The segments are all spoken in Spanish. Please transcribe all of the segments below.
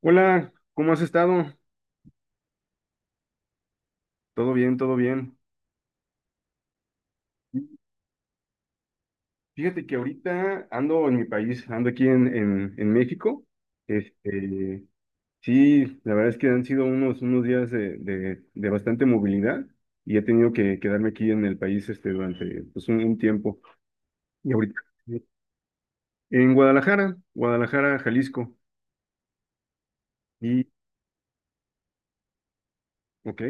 Hola, ¿cómo has estado? Todo bien, todo bien. Fíjate que ahorita ando en mi país, ando aquí en México. Este, sí, la verdad es que han sido unos días de bastante movilidad y he tenido que quedarme aquí en el país este, durante pues, un tiempo. Y ahorita en Guadalajara, Guadalajara, Jalisco. Y, ok,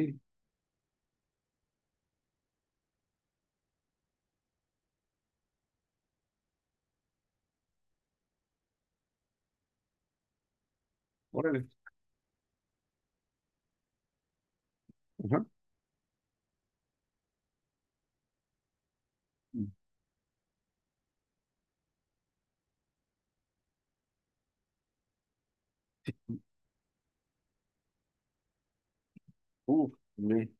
órale. Ajá. Uf, bien.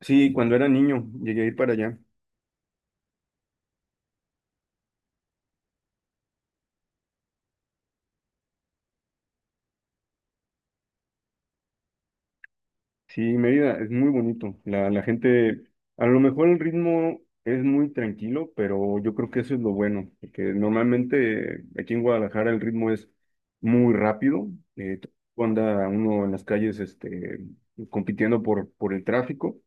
Sí, cuando era niño llegué a ir para allá. Sí, Mérida es muy bonito. La gente, a lo mejor el ritmo es muy tranquilo, pero yo creo que eso es lo bueno, porque normalmente aquí en Guadalajara el ritmo es muy rápido. eh, Anda uno en las calles compitiendo por el tráfico.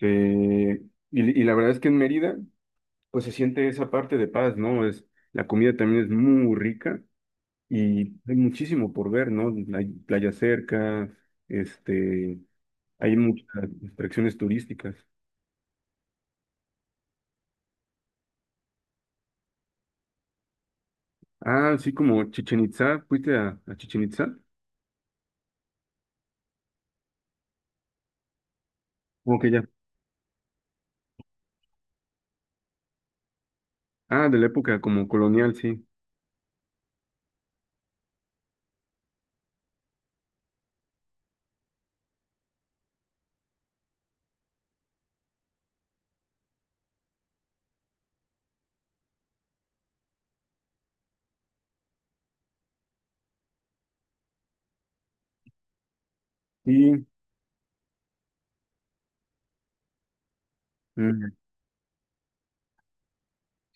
eh, y la verdad es que en Mérida, pues se siente esa parte de paz, ¿no? La comida también es muy rica. Y hay muchísimo por ver, ¿no? Hay playa cerca, este, hay muchas atracciones turísticas. Ah, sí, como Chichen Itzá. ¿Fuiste a Chichen Itzá? Como que ya. Ah, de la época como colonial, sí. Y, mm,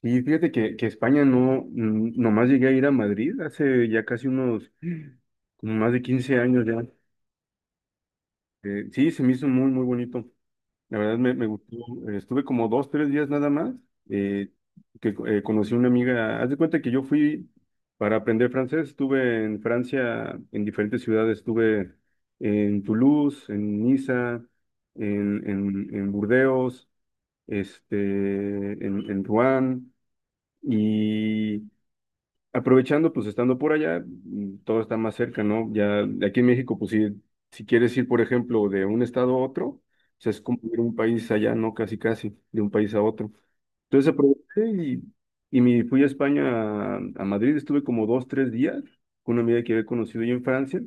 y fíjate que España no, nomás llegué a ir a Madrid hace ya casi como más de 15 años ya. Sí, se me hizo muy, muy bonito. La verdad me gustó. Estuve como dos, tres días nada más, eh, que conocí una amiga. Haz de cuenta que yo fui para aprender francés. Estuve en Francia, en diferentes ciudades. Estuve en Toulouse, en Niza, en Burdeos, este, en Rouen. Y, Aprovechando, pues estando por allá, todo está más cerca, ¿no? Ya de aquí en México, pues si quieres ir, por ejemplo, de un estado a otro, pues es como ir a un país allá, ¿no? Casi, casi, de un país a otro. Entonces aproveché y me fui a España, a Madrid, estuve como dos, tres días con una amiga que había conocido yo en Francia,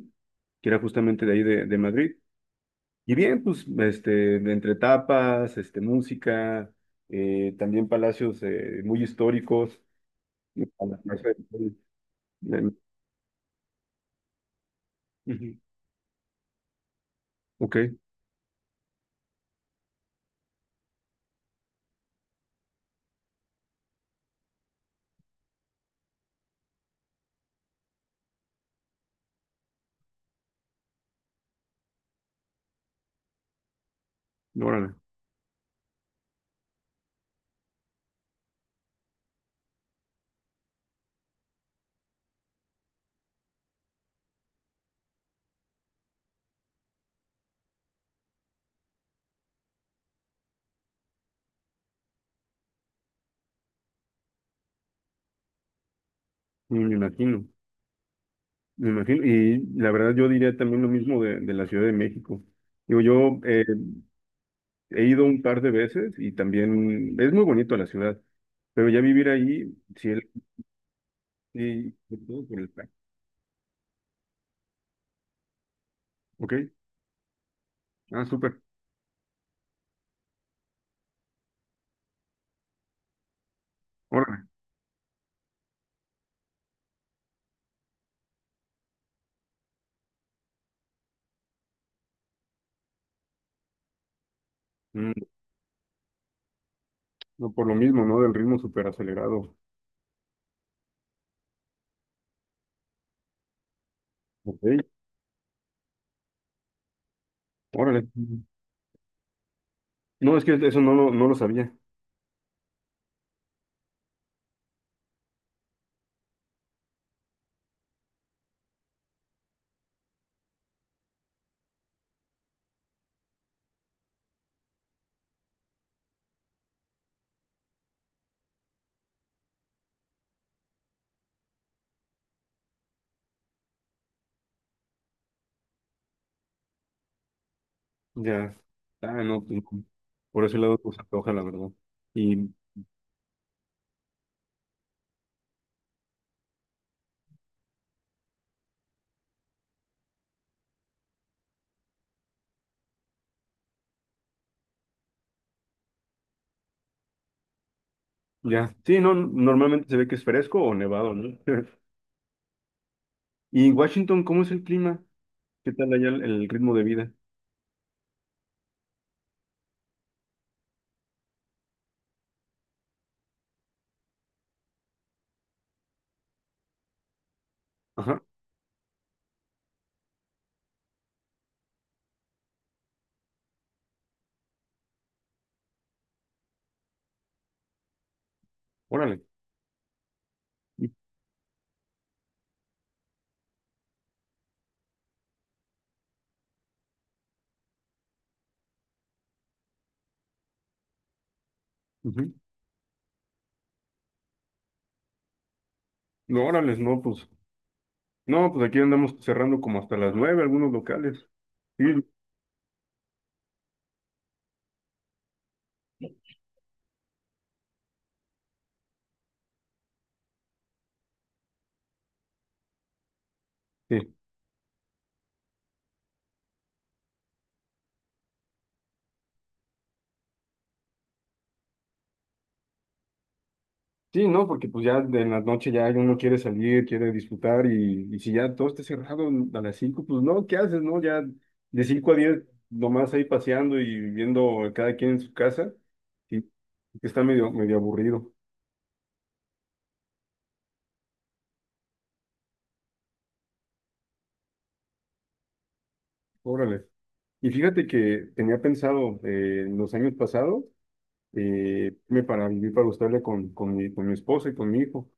que era justamente de ahí de Madrid. Y bien, pues entre tapas, música, también palacios muy históricos. A la plaza del Sol. Ujú. Ok, órale. Me imagino, me imagino. Y la verdad yo diría también lo mismo de la Ciudad de México. Digo, yo he ido un par de veces y también es muy bonito la ciudad, pero ya vivir ahí, sí, sí, sobre todo por el plan. Ok, ah, súper, órale. Mm, no, por lo mismo, ¿no? Del ritmo súper acelerado. Ok, órale. Mm. No, es que eso no, no lo sabía. Ya, ah, no, pues, por ese lado pues se antoja, la verdad. Y Ya, sí, no, normalmente se ve que es fresco o nevado, ¿no? Y en Washington, ¿cómo es el clima? ¿Qué tal allá el ritmo de vida? Ajá, órale. Ujú. No, órale, no, pues, no, pues aquí andamos cerrando como hasta las 9 algunos locales. Sí, sí, sí, no, porque pues ya de la noche ya uno quiere salir, quiere disfrutar y si ya todo está cerrado a las 5, pues no, ¿qué haces, no? Ya de 5 a 10 nomás ahí paseando y viviendo cada quien en su casa, y está medio, medio aburrido. Órale. Y fíjate que tenía pensado en los años pasados irme para vivir para Australia con mi esposa y con mi hijo,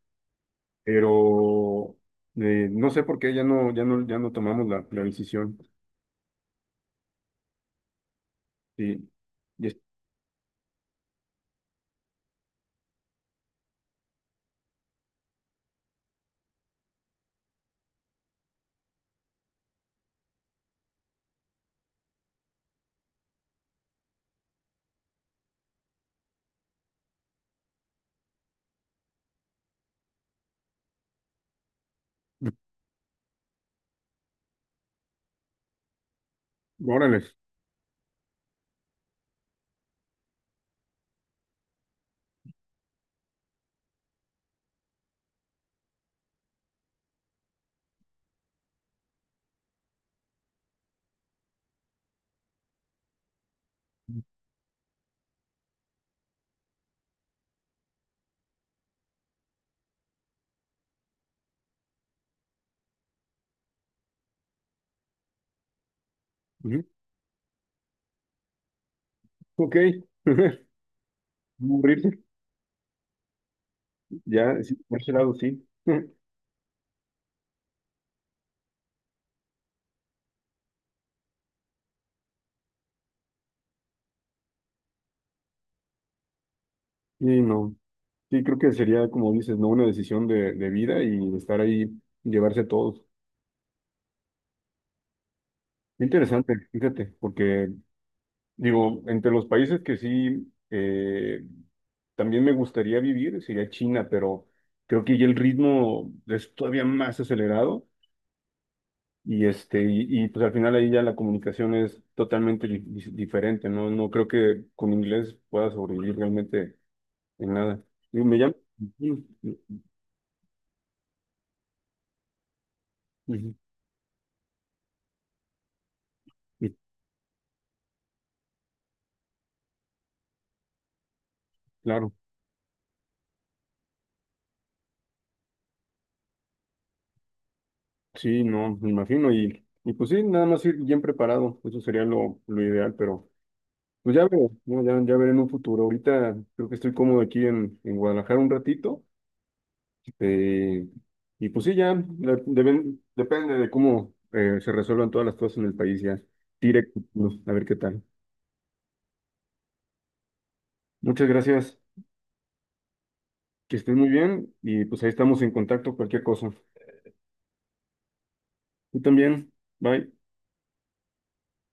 pero no sé por qué ya no tomamos la decisión. Sí. Y es- Órale. Ujú. Ok. Morirse. Ya, sí, por ese lado sí. Y no. Sí, creo que sería, como dices, ¿no? Una decisión de vida y estar ahí, llevarse a todos. Interesante, fíjate. Porque Digo, entre los países que sí también me gustaría vivir sería China, pero creo que ya el ritmo es todavía más acelerado y pues al final ahí ya la comunicación es totalmente diferente, ¿no? No creo que con inglés pueda sobrevivir realmente en nada. Y me llama. Ujú, ujú, ujú, claro, sí, no, me imagino y pues sí, nada más ir bien preparado, eso sería lo ideal, pero pues ya veré, ¿no? Ya veré en un futuro. Ahorita creo que estoy cómodo aquí en Guadalajara un ratito. eh, y pues sí, ya depende de cómo se resuelvan todas las cosas en el país ya. Directo, a ver qué tal. Muchas gracias, que estén muy bien y pues ahí estamos en contacto, cualquier cosa. Tú también, bye.